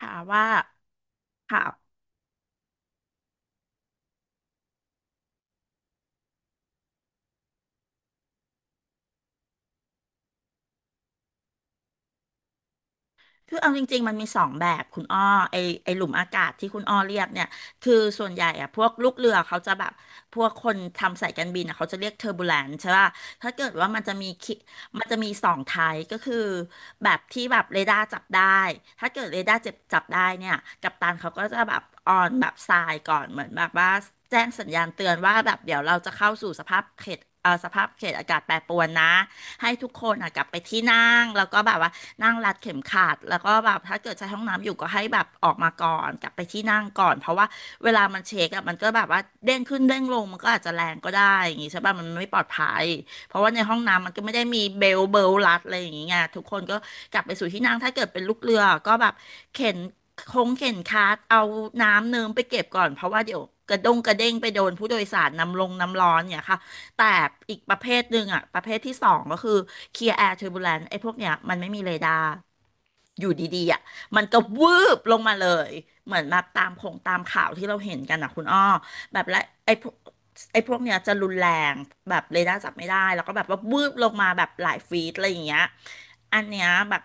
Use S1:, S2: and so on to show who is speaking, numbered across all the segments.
S1: ถามว่าค่ะคือเอาจริงๆมันมีสองแบบคุณอ้อไอไอหลุมอากาศที่คุณอ้อเรียกเนี่ยคือส่วนใหญ่อะพวกลูกเรือเขาจะแบบพวกคนทำสายการบินอะเขาจะเรียกเทอร์บูแลนใช่ป่ะถ้าเกิดว่ามันจะมีคิมันจะมีสองไทป์ก็คือแบบที่แบบเรดาร์จับได้ถ้าเกิดเรดาร์จับได้เนี่ยกัปตันเขาก็จะแบบออนแบบทรายก่อนเหมือนแบบว่าแจ้งสัญญาณเตือนว่าแบบเดี๋ยวเราจะเข้าสู่สภาพเขตสภาพเขตอากาศแปรปรวนนะ ให้ทุกคนอ่ะกลับไปที่นั่งแล้วก็แบบว่านั่งรัดเข็มขัดแล้วก็แบบถ้าเกิดใช้ห้องน้ำอยู่ก็ให้แบบออกมาก่อนกลับไปที่นั่งก่อนเพราะว่าเวลามันเช็คอ่ะมันก็แบบว่าเด้งขึ้นเด้งลงมันก็อาจจะแรงก็ได้อย่างงี้ใช่ป่ะมันไม่ปลอดภัยเพราะว่าในห้องน้ำมันก็ไม่ได้มีเบลรัดอะไรอย่างเงี้ยทุกคนก็กลับไปสู่ที่นั่งถ้าเกิดเป็นลูกเรือก็แบบเข็นเข็นคาร์ทเอาน้ำเนิมไปเก็บก่อนเพราะว่าเดี๋ยวกระด้งกระเด้งไปโดนผู้โดยสารน้ำลงน้ำร้อนเนี่ยค่ะ แต่อีกประเภทหนึ่งอ่ะประเภทที่สองก็คือ Clear Air Turbulence ไอ้พวกเนี้ยมันไม่มีเรดาร์อยู่ดีๆอ่ะมันก็วืบลงมาเลยเหมือนแบบตามผงตามข่าวที่เราเห็นกันอ่ะคุณอ้อแบบและไอ้พวกไอ้พวกเนี้ยจะรุนแรงแบบเรดาร์จับไม่ได้แล้วก็แบบว่าวืบลงมาแบบหลายฟีตอะไรอย่างเงี้ยอันเนี้ยแบบ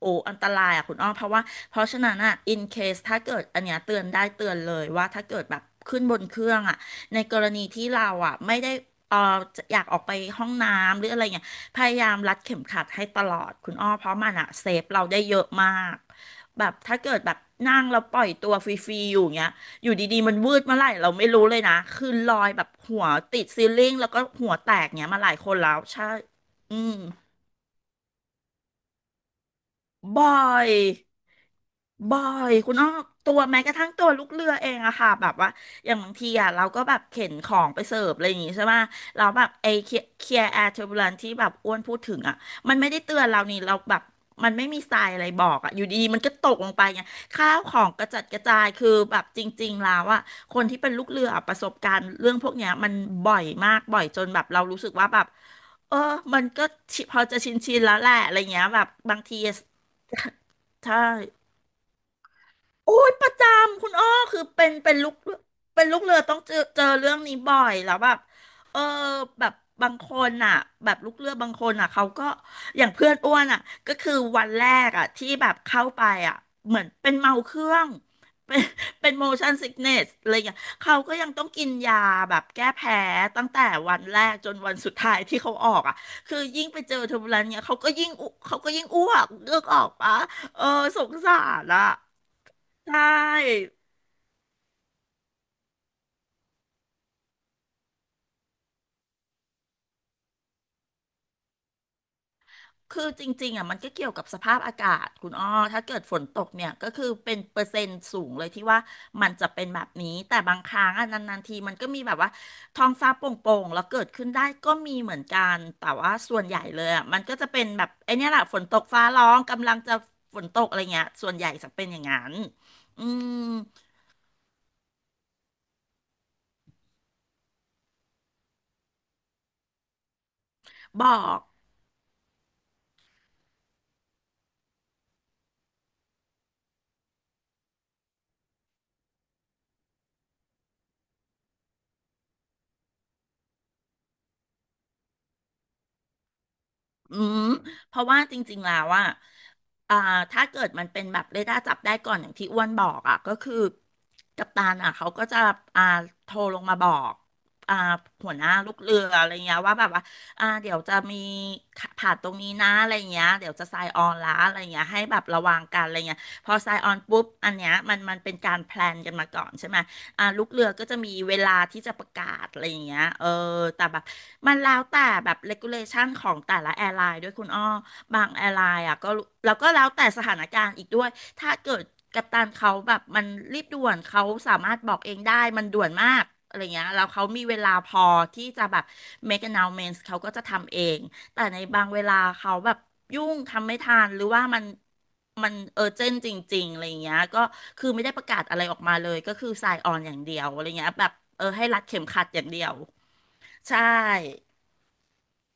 S1: โอ้อันตรายอ่ะคุณอ้อมเพราะว่าเพราะฉะนั้นอ่ะ in case ถ้าเกิดอันเนี้ยเตือนได้เตือนเลยว่าถ้าเกิดแบบขึ้นบนเครื่องอ่ะในกรณีที่เราอ่ะไม่ได้ เอ่อจะอยากออกไปห้องน้ำหรืออะไรเงี้ยพยายามรัดเข็มขัดให้ตลอดคุณอ้อเพราะมันอะเซฟเราได้เยอะมากแบบถ้าเกิดแบบนั่งแล้วปล่อยตัวฟรีๆอยู่เงี้ยอยู่ดีๆมันวืดเมื่อไหร่เราไม่รู้เลยนะคือลอยแบบหัวติดซีลิ่งแล้วก็หัวแตกเงี้ยมาหลายคนแล้วใช่อืมบ่อย บ่อยคุณอ้อตัวแม้กระทั่งตัวลูกเรือเองอะค่ะแบบว่าอย่างบางทีอะเราก็แบบเข็นของไปเสิร์ฟอะไรอย่างงี้ใช่ไหมเราแบบไอ้เคลียร์แอร์เทอร์บูลันที่แบบอ้วนพูดถึงอะมันไม่ได้เตือนเรานี่เราแบบมันไม่มีทรายอะไรบอกอะอยู่ดีๆมันก็ตกลงไปไงข้าวของกระจัดกระจายคือแบบจริงๆแล้วอะคนที่เป็นลูกเรืออะประสบการณ์เรื่องพวกเนี้ยมันบ่อยมากบ่อยจนแบบเรารู้สึกว่าแบบเออมันก็ชิพอจะชินแล้วแหละอะไรเงี้ยแบบบางทีใช่ โอ้ยประจำคุณอ้อคือเป็นลูกเป็นลูกเรือต้องเจอเรื่องนี้บ่อยแล้วแบบเออแบบบางคนอ่ะแบบลูกเรือบางคนอ่ะเขาก็อย่างเพื่อนอ้วนอ่ะก็คือวันแรกอ่ะที่แบบเข้าไปอ่ะเหมือนเป็นเมาเครื่องเป็นเป็น motion sickness อะไรอย่างเงี้ยเขาก็ยังต้องกินยาแบบแก้แพ้ตั้งแต่วันแรกจนวันสุดท้ายที่เขาออกอ่ะคือยิ่งไปเจอเทอร์บูลันเนี่ยเขาก็ยิ่งอุเขาก็ยิ่งอ้วกเลือกออกปะเออสงสารอ่ะ ใช่คือจริงๆอ่ะมันก็เกี่ยวกับสภาพอากาศคุณอ้อถ้าเกิดฝนตกเนี่ยก็คือเป็นเปอร์เซ็นต์สูงเลยที่ว่ามันจะเป็นแบบนี้ แต่บางครั้งอ่ะนานๆทีมันก็มีแบบว่าท้องฟ้าโปร่งๆแล้วเกิดขึ้นได้ก็มีเหมือนกัน แต่ว่าส่วนใหญ่เลยอ่ะมันก็จะเป็นแบบไอ้เนี่ยแหละฝนตกฟ้าร้องกำลังจะฝนตกอะไรเงี้ยส่วนใหญ่จะเป็นอย่างนั้นอืมบอก อืมเพราะว่าจริงๆ แล้วอ่ะอ่าถ้าเกิดมันเป็นแบบเรดาร์จับได้ก่อนอย่างที่อ้วนบอกอ่ะก็คือกัปตันอ่ะเขาก็จะอ่าโทรลงมาบอกอ่าหัวหน้าลูกเรืออะไรเงี้ยว่าแบบว่าเดี๋ยวจะมีผ่านตรงนี้นะอะไรเงี้ยเดี๋ยวจะไซน์ออนละอะไรเงี้ยให้แบบระวังกันอะไรเงี้ยพอไซน์ออนปุ๊บอันเนี้ยมันเป็นการแพลนกันมาก่อนใช่ไหม ลูกเรือก็จะมีเวลาที่จะประกาศอะไรอย่างเงี้ยเออ แต่แบบมันแล้วแต่แบบ regulation ของแต่ละแอร์ไลน์ด้วยคุณอ้อบางแอร์ไลน์อ่ะก็แล้วก็แล้วแต่สถานการณ์อีกด้วย ถ้าเกิดกัปตันเขาแบบมันรีบด่วนเขาสามารถบอกเองได้มันด่วนมากอะไรเงี้ยแล้วเขามีเวลาพอที่จะแบบ make announcements เขาก็จะทำเอง แต่ในบางเวลาเขาแบบยุ่งทำไม่ทันหรือว่ามันมันเจนจริงๆอะไรอย่างเงี้ยก็คือไม่ได้ประกาศอะไรออกมาเลยก็คือสายออนอย่างเดียวอะไรเงี้ยแบบให้รัดเข็มขัดอย่างเดียวใช่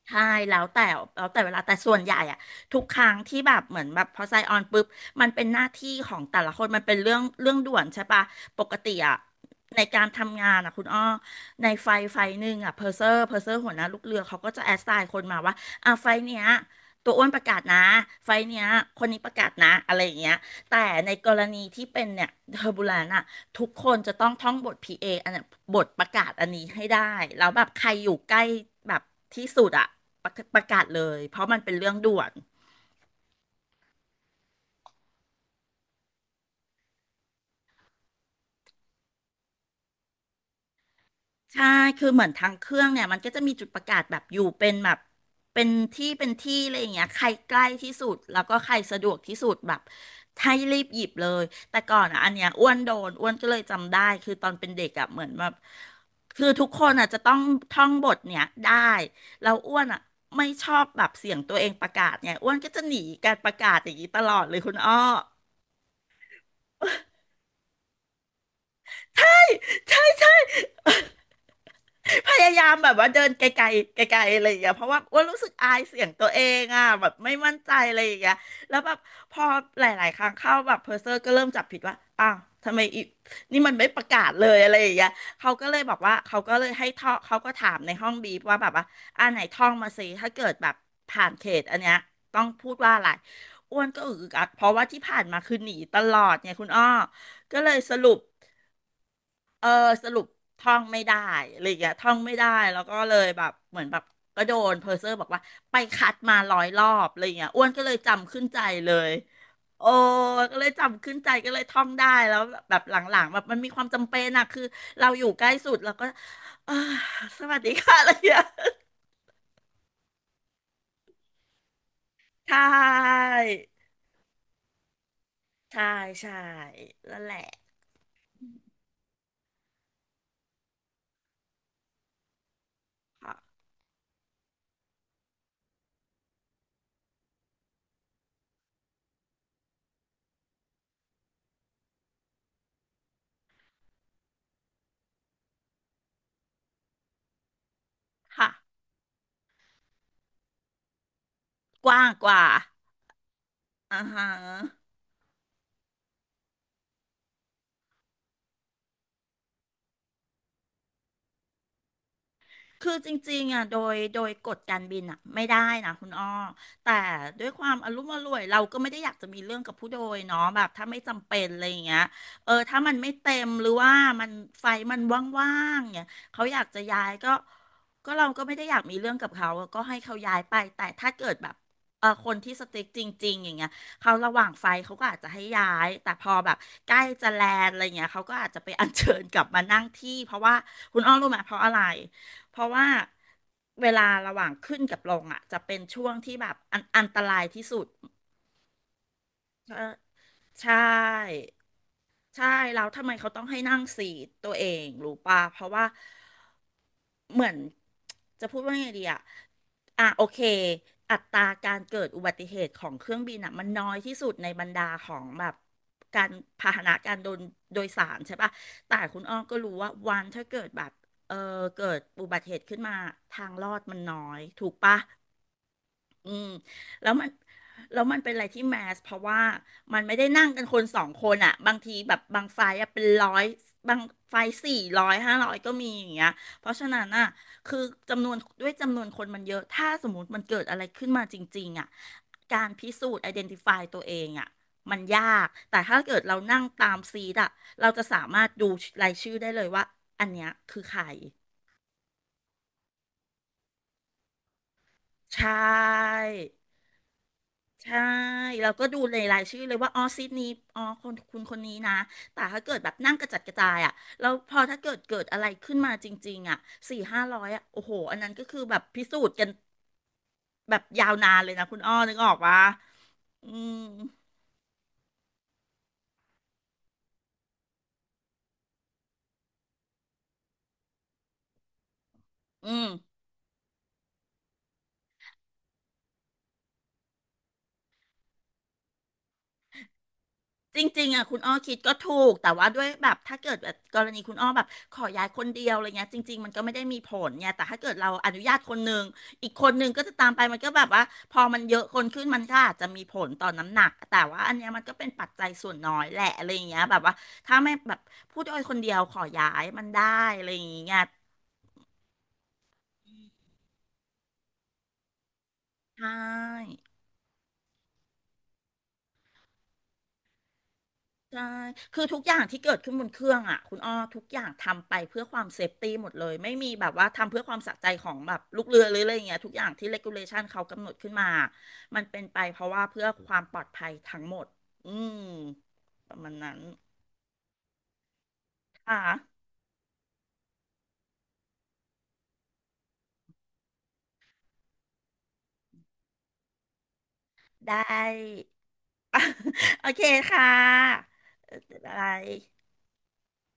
S1: ใช่แล้วแต่แล้วแต่เวลาแต่ส่วนใหญ่อะทุกครั้งที่แบบเหมือนแบบพอไซออนปุ๊บมันเป็นหน้าที่ของแต่ละคนมันเป็นเรื่องด่วนใช่ปะปกติอะในการทำงานอะคุณอ้อในไฟหนึ่งอะเพอร์เซอร์หัวหน้าลูกเรือเขาก็จะแอสไซน์คนมาว่าอ่ะไฟเนี้ยตัวอ้วนประกาศนะไฟเนี้ยคนนี้ประกาศนะอะไรอย่างเงี้ยแต่ในกรณีที่เป็นเนี่ยเทอร์บูลนอะ ทุกคนจะต้องท่องบท PA ออันนั้นบทประกาศอันนี้ให้ได้แล้วแบบใครอยู่ใกล้แบบที่สุดอะประกาศเลยเพราะมันเป็นเรื่องด่วน ใช่คือเหมือนทางเครื่องเนี่ยมันก็จะมีจุดประกาศแบบอยู่เป็นแบบเป็นที่อะไรอย่างเงี้ยใครใกล้ที่สุดแล้วก็ใครสะดวกที่สุดแบบให้รีบหยิบเลยแต่ก่อนอ่ะอันเนี้ยอ้วนโดนอ้วนก็เลยจำได้คือตอนเป็นเด็กอ่ะเหมือนแบบคือทุกคนอ่ะจะต้องท่องบทเนี่ยได้แล้วอ้วนอ่ะไม่ชอบแบบเสียงตัวเองประกาศเนี่ยอ้วนก็จะหนีการประกาศอย่างนี้ตลอดเลยคุณอ้อ ใช่ใช่ พยายามแบบว่าเดินไกลๆไกลๆอะไรอย่างเงี้ยเพราะว่าอ้วนรู้สึกอายเสียงตัวเองอ่ะแบบไม่มั่นใจอะไรอย่างเงี้ยแล้วแบบพอหลายๆครั้งเข้าแบบเพอร์เซอร์ก็เริ่มจับผิดว่าอ้าวทำไมอีนี่มันไม่ประกาศเลยอะไรอย่างเงี้ยเขาก็เลยบอกว่าเขาก็เลยให้ท่องเขาก็ถามในห้องบีฟว่าแบบว่าไหนท่องมาสิถ้าเกิดแบบผ่านเขตอันเนี้ยต้องพูดว่าอะไรอ้วนก็อึกอักเพราะว่าที่ผ่านมาคือหนีตลอดไงคุณอ้อก็เลยสรุป เออสรุปท่องไม่ได้อะไรอย่างเงี้ยท่องไม่ได้แล้วก็เลยแบบเหมือนแบบก็โดนเพอร์เซอร์บอกว่าไปคัดมาร้อยรอบอะไรอย่างเงี้ยอ้วนก็เลยจำขึ้นใจเลยโอ้ก็เลยจำขึ้นใจก็เลยท่องได้แล้วแบบหลังๆแบบมันมีความจำเป็นอะคือเราอยู่ใกล้สุดเราก็เออสวัสดีค่ะอะไรอย่างเงี้ยใช่ใช่ใช่นั่นแหละค่ะค่ะกว้างกว่าอ่าฮะ คือจริงๆอ่ะโดยกฎการบินอ่ะไม่ได้นะคุณอ้อแต่ด้วยความอารมณ์อร่วยเราก็ไม่ได้อยากจะมีเรื่องกับผู้โดยเนาะแบบถ้าไม่จำเป็นอะไรอย่างเงี้ยถ้ามันไม่เต็มหรือว่ามันไฟมันว่างๆเนี่ยเขาอยากจะย้ายก็ก็เราก็ไม่ได้อยากมีเรื่องกับเขาก็ให้เขาย้ายไปแต่ถ้าเกิดแบบคนที่สติ๊กจริงๆอย่างเงี้ยเขาระหว่างไฟเขาก็อาจจะให้ย้ายแต่พอแบบใกล้จะแลนด์อะไรเงี้ยเขาก็อาจจะไปอัญเชิญกลับมานั่งที่เพราะว่าคุณอ้อรู้ไหมเพราะอะไร เพราะว่าเวลาระหว่างขึ้นกับลงอ่ะจะเป็นช่วงที่แบบอันตรายที่สุดเออใช่ ใช่แล้วทำไมเขาต้องให้นั่งซีทตัวเองรู้ป่ะเพราะว่าเหมือน จะพูดว่าไงดีอะอ่ะโอเคอัตราการเกิดอุบัติเหตุของเครื่องบินอะมันน้อยที่สุดในบรรดาของแบบการพาหนะการโดนโดยสารใช่ป่ะแต่คุณอ้อมก็รู้ว่าวันถ้าเกิดแบบเออเกิดอุบัติเหตุขึ้นมาทางรอดมันน้อยถูกป่ะ อืมแล้วมันแล้วมันเป็นอะไรที่แมสเพราะว่ามันไม่ได้นั่งกันคนสองคนอ่ะบางทีแบบบางไฟล์อะเป็นร้อยบางไฟสี่ร้อยห้าร้อยก็มีอย่างเงี้ยเพราะฉะนั้นอ่ะคือจำนวนด้วยจำนวนคนมันเยอะถ้าสมมติมันเกิดอะไรขึ้นมาจริงๆอ่ะการพิสูจน์ identify ตฟายตัวเองอ่ะมันยากแต่ถ้าเกิดเรานั่งตามซีดอ่ะเราจะสามารถดูรายชื่อได้เลยว่าอันเนี้ยคือใครใช่ ใช่เราก็ดูในรายชื่อเลยว่าอ๋อซีทนี้อ๋อคนคุณคนนี้นะแต่ถ้าเกิดแบบนั่งกระจัดกระจายอ่ะแล้วพอถ้าเกิดเกิดอะไรขึ้นมาจริงๆอ่ะสี่ห้าร้อยอ่ะโอ้โหอันนั้นก็คือแบบพิสูจน์กันแบบยาวนานเลยนะคุณอ้อนึกออกปะอืมอืม จริงๆอ่ะคุณอ้อคิดก็ถูกแต่ว่าด้วยแบบถ้าเกิดแบบกรณีคุณอ้อแบบขอย้ายคนเดียวอะไรเงี้ยจริงๆมันก็ไม่ได้มีผลเนี่ยแต่ถ้าเกิดเราอนุญาตคนหนึ่งอีกคนหนึ่งก็จะตามไปมันก็แบบว่าพอมันเยอะคนขึ้นมันก็อาจจะมีผลต่อน้ำหนักแต่ว่าอันเนี้ยมันก็เป็นปัจจัยส่วนน้อยแหละอะไรอย่างเงี้ยแบบว่าถ้าไม่แบบผู้โดยคนเดียวขอย้ายมันได้อะไรอย่างเงี้ยใช่ ใช่คือทุกอย่างที่เกิดขึ้นบนเครื่องอ่ะคุณอ้อทุกอย่างทำไปเพื่อความเซฟตี้หมดเลยไม่มีแบบว่าทำเพื่อความสะใจของแบบลูกเรือหรืออะไรอย่างเงี้ยทุกอย่างที่เลกูเลชันเขากำหนดขึ้นมามันเป็นไปเพราะว่าเพื่อความปลอดภัยทั้งหมดอืมประมาณนั้นค่ะได้ โอเคค่ะเออบ๊ายบาย